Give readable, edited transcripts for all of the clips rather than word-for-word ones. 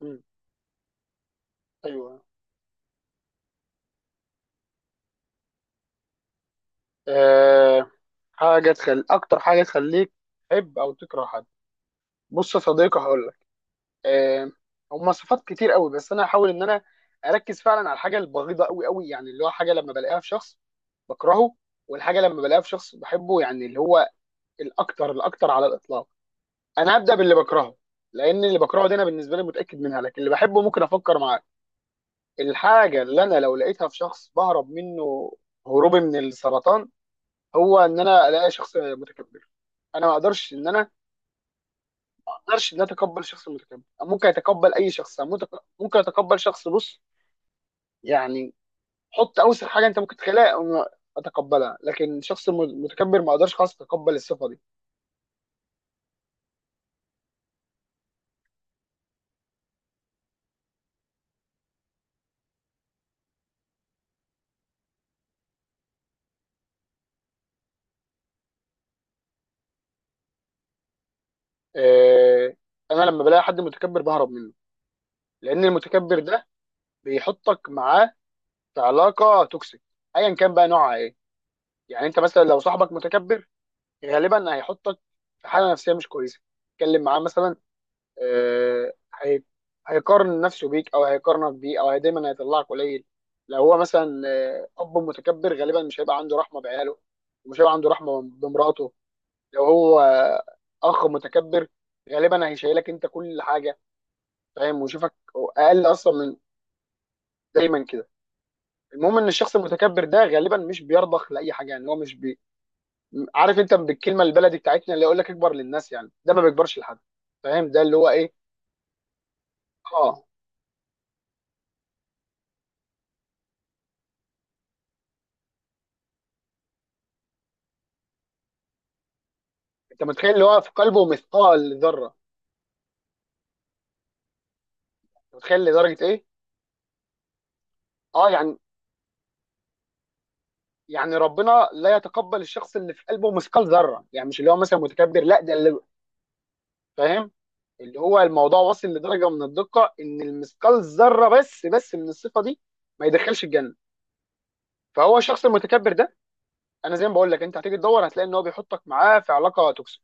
مم. ايوه. أه حاجه تخلي اكتر حاجه تخليك تحب او تكره حد. بص يا صديقي هقول لك. أه هم صفات كتير قوي، بس انا هحاول ان انا اركز فعلا على الحاجه البغيضه قوي قوي، يعني اللي هو حاجه لما بلاقيها في شخص بكرهه، والحاجه لما بلاقيها في شخص بحبه، يعني اللي هو الاكتر الاكتر على الاطلاق. انا هبدا باللي بكرهه، لان اللي بكرهه دي انا بالنسبه لي متاكد منها، لكن اللي بحبه ممكن افكر معاه. الحاجه اللي انا لو لقيتها في شخص بهرب منه هروبي من السرطان، هو ان انا الاقي شخص متكبر. انا ما اقدرش ان انا ما اقدرش ان أنا اتقبل شخص متكبر. ممكن اتقبل اي شخص، ممكن اتقبل شخص، بص يعني، حط اوسخ حاجه انت ممكن تخلقها أو اتقبلها، لكن شخص متكبر ما اقدرش خالص اتقبل الصفه دي. آه، انا لما بلاقي حد متكبر بهرب منه، لان المتكبر ده بيحطك معاه في علاقه توكسيك ايا كان بقى نوعها ايه. يعني انت مثلا لو صاحبك متكبر غالبا هيحطك في حاله نفسيه مش كويسه. اتكلم معاه مثلا، آه، هي- هيقارن نفسه بيك، او هيقارنك بيه، او هي دايما هيطلعك قليل. لو هو مثلا اب متكبر غالبا مش هيبقى عنده رحمه بعياله، ومش هيبقى عنده رحمه بمراته. لو هو اخ متكبر غالبا هيشيلك انت كل حاجه، فاهم، ويشوفك اقل اصلا من دايما كده. المهم ان الشخص المتكبر ده غالبا مش بيرضخ لاي حاجه. يعني هو مش بي... عارف انت بالكلمه البلدي بتاعتنا اللي يقول لك اكبر للناس، يعني ده ما بيكبرش لحد، فاهم، ده اللي هو ايه. اه، انت متخيل اللي هو في قلبه مثقال ذره، انت متخيل لدرجه ايه؟ اه يعني، يعني ربنا لا يتقبل الشخص اللي في قلبه مثقال ذره، يعني مش اللي هو مثلا متكبر، لا، ده اللي فاهم، اللي هو الموضوع واصل لدرجه من الدقه ان المثقال ذره بس بس من الصفه دي ما يدخلش الجنه. فهو الشخص المتكبر ده انا زي ما بقول لك انت هتيجي تدور هتلاقي ان هو بيحطك معاه في علاقه توكسيك.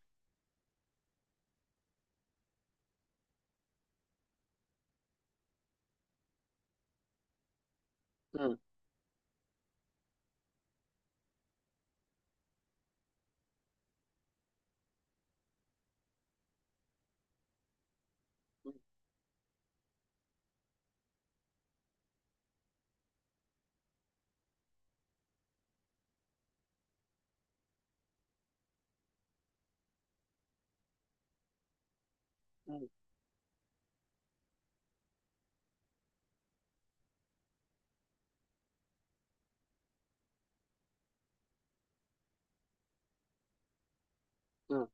مم. مم. مم.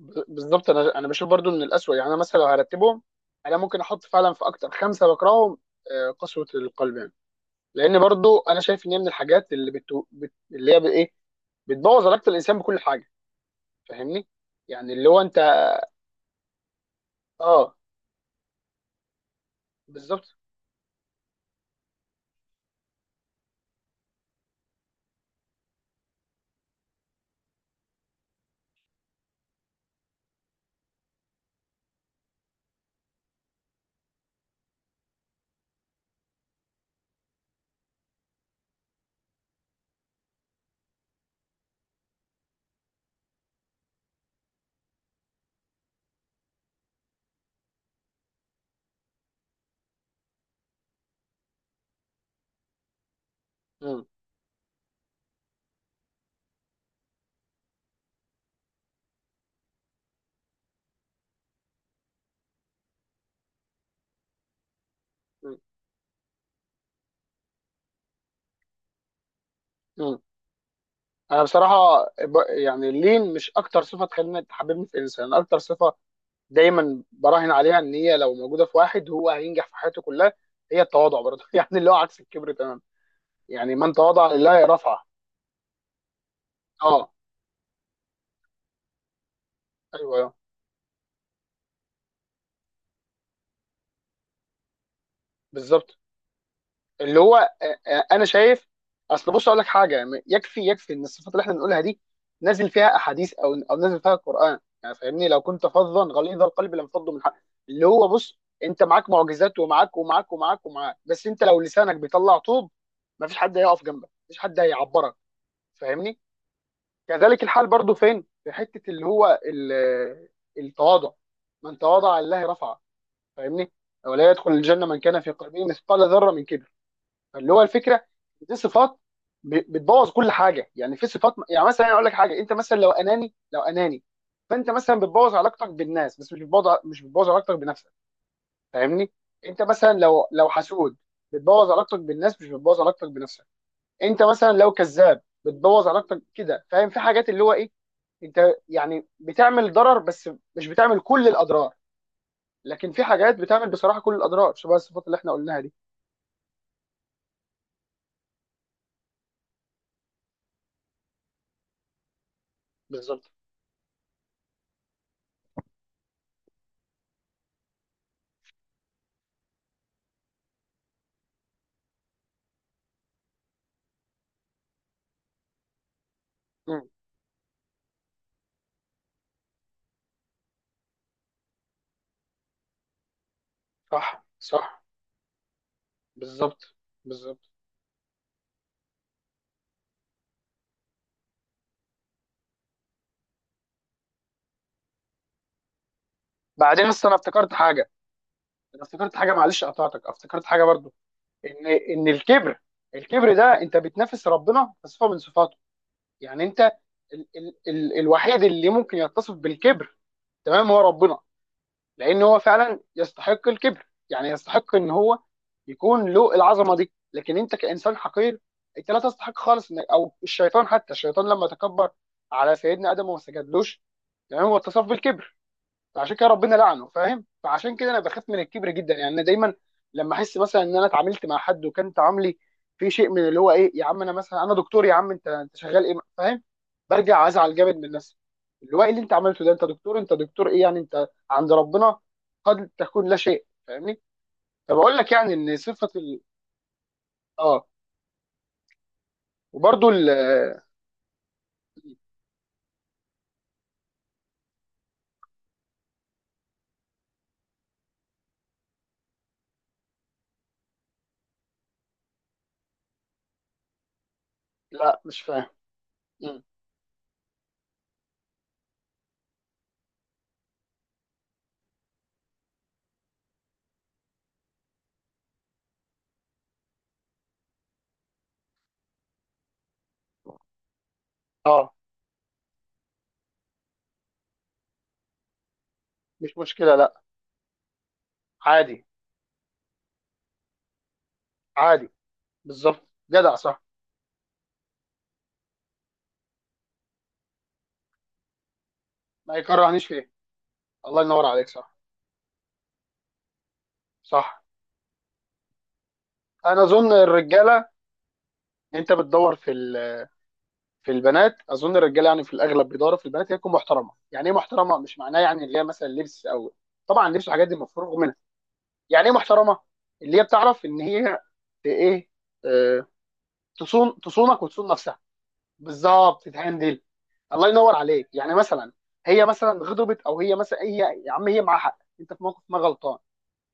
بالظبط انا بشوف برضو من الاسوء. يعني انا مثلا لو هرتبهم انا ممكن احط فعلا في اكتر خمسه بكرههم قسوه القلب. يعني لان برضو انا شايف ان هي من الحاجات اللي هي بايه بتبوظ علاقه الانسان بكل حاجه، فاهمني، يعني اللي هو انت. اه، بالظبط. مم. مم. مم. يعني اللين مش اكتر صفه تخليني تحببني في الانسان. أنا اكتر صفه دايما براهن عليها ان هي لو موجوده في واحد هو هينجح في حياته كلها، هي التواضع برضه يعني اللي هو عكس الكبر تمام. يعني من تواضع لله رفعه. اه. ايوه ايوه، بالظبط. اللي هو انا شايف، اصل بص اقول لك حاجه، يكفي يكفي ان الصفات اللي احنا بنقولها دي نازل فيها احاديث او نازل فيها القران، يعني فاهمني، لو كنت فظا غليظ القلب لم فضوا من حق. اللي هو بص، انت معاك معجزات، ومعاك ومعاك ومعاك ومعاك، بس انت لو لسانك بيطلع طوب مفيش حد هيقف جنبك، مفيش حد هيعبرك، فاهمني. كذلك الحال برضو فين في حته، اللي هو التواضع. من تواضع لله رفعه، فاهمني. ولا يدخل الجنه من كان في قلبه مثقال ذره من كبر. فاللي هو الفكره، دي صفات بتبوظ كل حاجه. يعني في صفات، يعني مثلا اقول لك حاجه، انت مثلا لو اناني، لو اناني، فانت مثلا بتبوظ علاقتك بالناس، بس مش مش بتبوظ علاقتك بنفسك، فاهمني. انت مثلا لو حسود بتبوظ علاقتك بالناس، مش بتبوظ علاقتك بنفسك. انت مثلا لو كذاب بتبوظ علاقتك كده، فاهم، في حاجات اللي هو ايه انت يعني بتعمل ضرر بس، مش بتعمل كل الاضرار. لكن في حاجات بتعمل بصراحه كل الاضرار شبه الصفات اللي احنا قلناها دي. بالظبط. مم. صح صح. بالظبط. بالظبط. بعدين اصل انا افتكرت حاجه، انا افتكرت حاجه، معلش قطعتك افتكرت حاجه برضو، ان ان الكبر ده انت بتنافس ربنا في صفه من صفاته. يعني انت ال ال ال الوحيد اللي ممكن يتصف بالكبر تمام هو ربنا، لان هو فعلا يستحق الكبر، يعني يستحق ان هو يكون له العظمه دي. لكن انت كانسان حقير انت لا تستحق خالص انك، او الشيطان، حتى الشيطان لما تكبر على سيدنا ادم وما سجدلوش، يعني هو اتصف بالكبر فعشان كده ربنا لعنه، فاهم. فعشان كده انا بخاف من الكبر جدا. يعني انا دايما لما احس مثلا ان انا اتعاملت مع حد وكان تعاملي في شيء من اللي هو ايه، يا عم انا مثلا انا دكتور، يا عم انت شغال ايه، فاهم، برجع ازعل جامد من نفسي، اللي هو ايه اللي انت عملته ده، انت دكتور، انت دكتور ايه، يعني انت عند ربنا قد تكون لا شيء، فاهمني. فبقول لك يعني ان صفه ال... اه. وبرده ال... لا مش فاهم. مم. اه. مش مشكله لا. عادي. عادي. بالظبط، جدع، صح. ما يكرهنيش فيه. الله ينور عليك، صح. صح. انا اظن الرجاله، انت بتدور في ال- في البنات، اظن الرجاله يعني في الاغلب بيدوروا في البنات هي تكون محترمه. يعني ايه محترمه؟ مش معناه يعني اللي هي مثلا لبس او، طبعا لبس والحاجات دي مفروغ منها. يعني ايه محترمه؟ اللي هي بتعرف ان هي ت- ايه آه، تصون، تصونك وتصون نفسها. بالظبط، تتهندل. الله ينور عليك. يعني مثلا هي مثلا غضبت، او هي مثلا هي يا عم هي معاها حق، انت في موقف ما غلطان،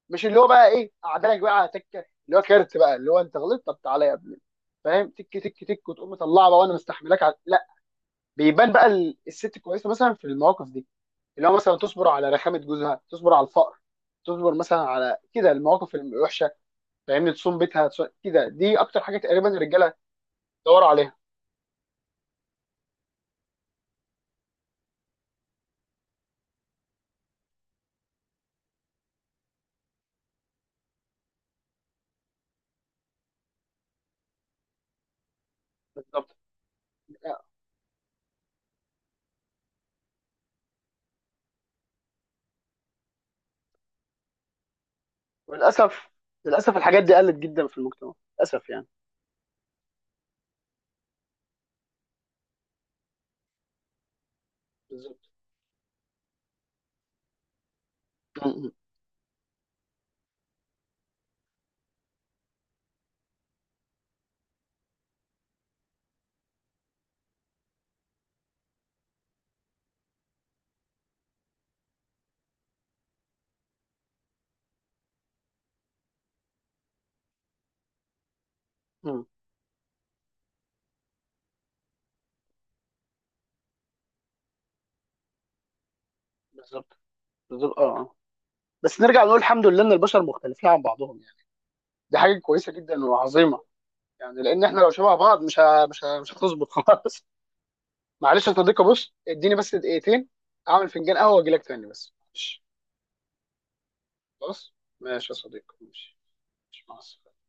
مش اللي هو بقى ايه قعدلك بقى على تكه اللي هو كارت بقى اللي هو انت غلطت، طب تعالى يا ابني فاهم، تك تك تك، وتقوم مطلعه بقى وانا مستحملك على... لا. بيبان بقى الست كويسه مثلا في المواقف دي، اللي هو مثلا تصبر على رخامه جوزها، تصبر على الفقر، تصبر مثلا على كده المواقف الوحشه، فاهمني، تصوم بيتها، تصوم... كده، دي اكتر حاجه تقريبا الرجاله دوروا عليها. بالظبط. وللاسف، للاسف الحاجات دي قلت جدا في المجتمع، للاسف يعني. بالظبط. م- م- م. بالظبط. بالظبط. اه. آه. بس نرجع نقول الحمد لله ان البشر مختلفين عن بعضهم، يعني دي حاجه كويسه جدا وعظيمه. يعني لان احنا لو شبه بعض مش هتظبط خلاص. معلش يا صديقي، بص اديني بس دقيقتين اعمل فنجان قهوه واجي لك تاني، بس معلش. خلاص. ماشي يا صديقي، ماشي. ماشي. مع السلامه.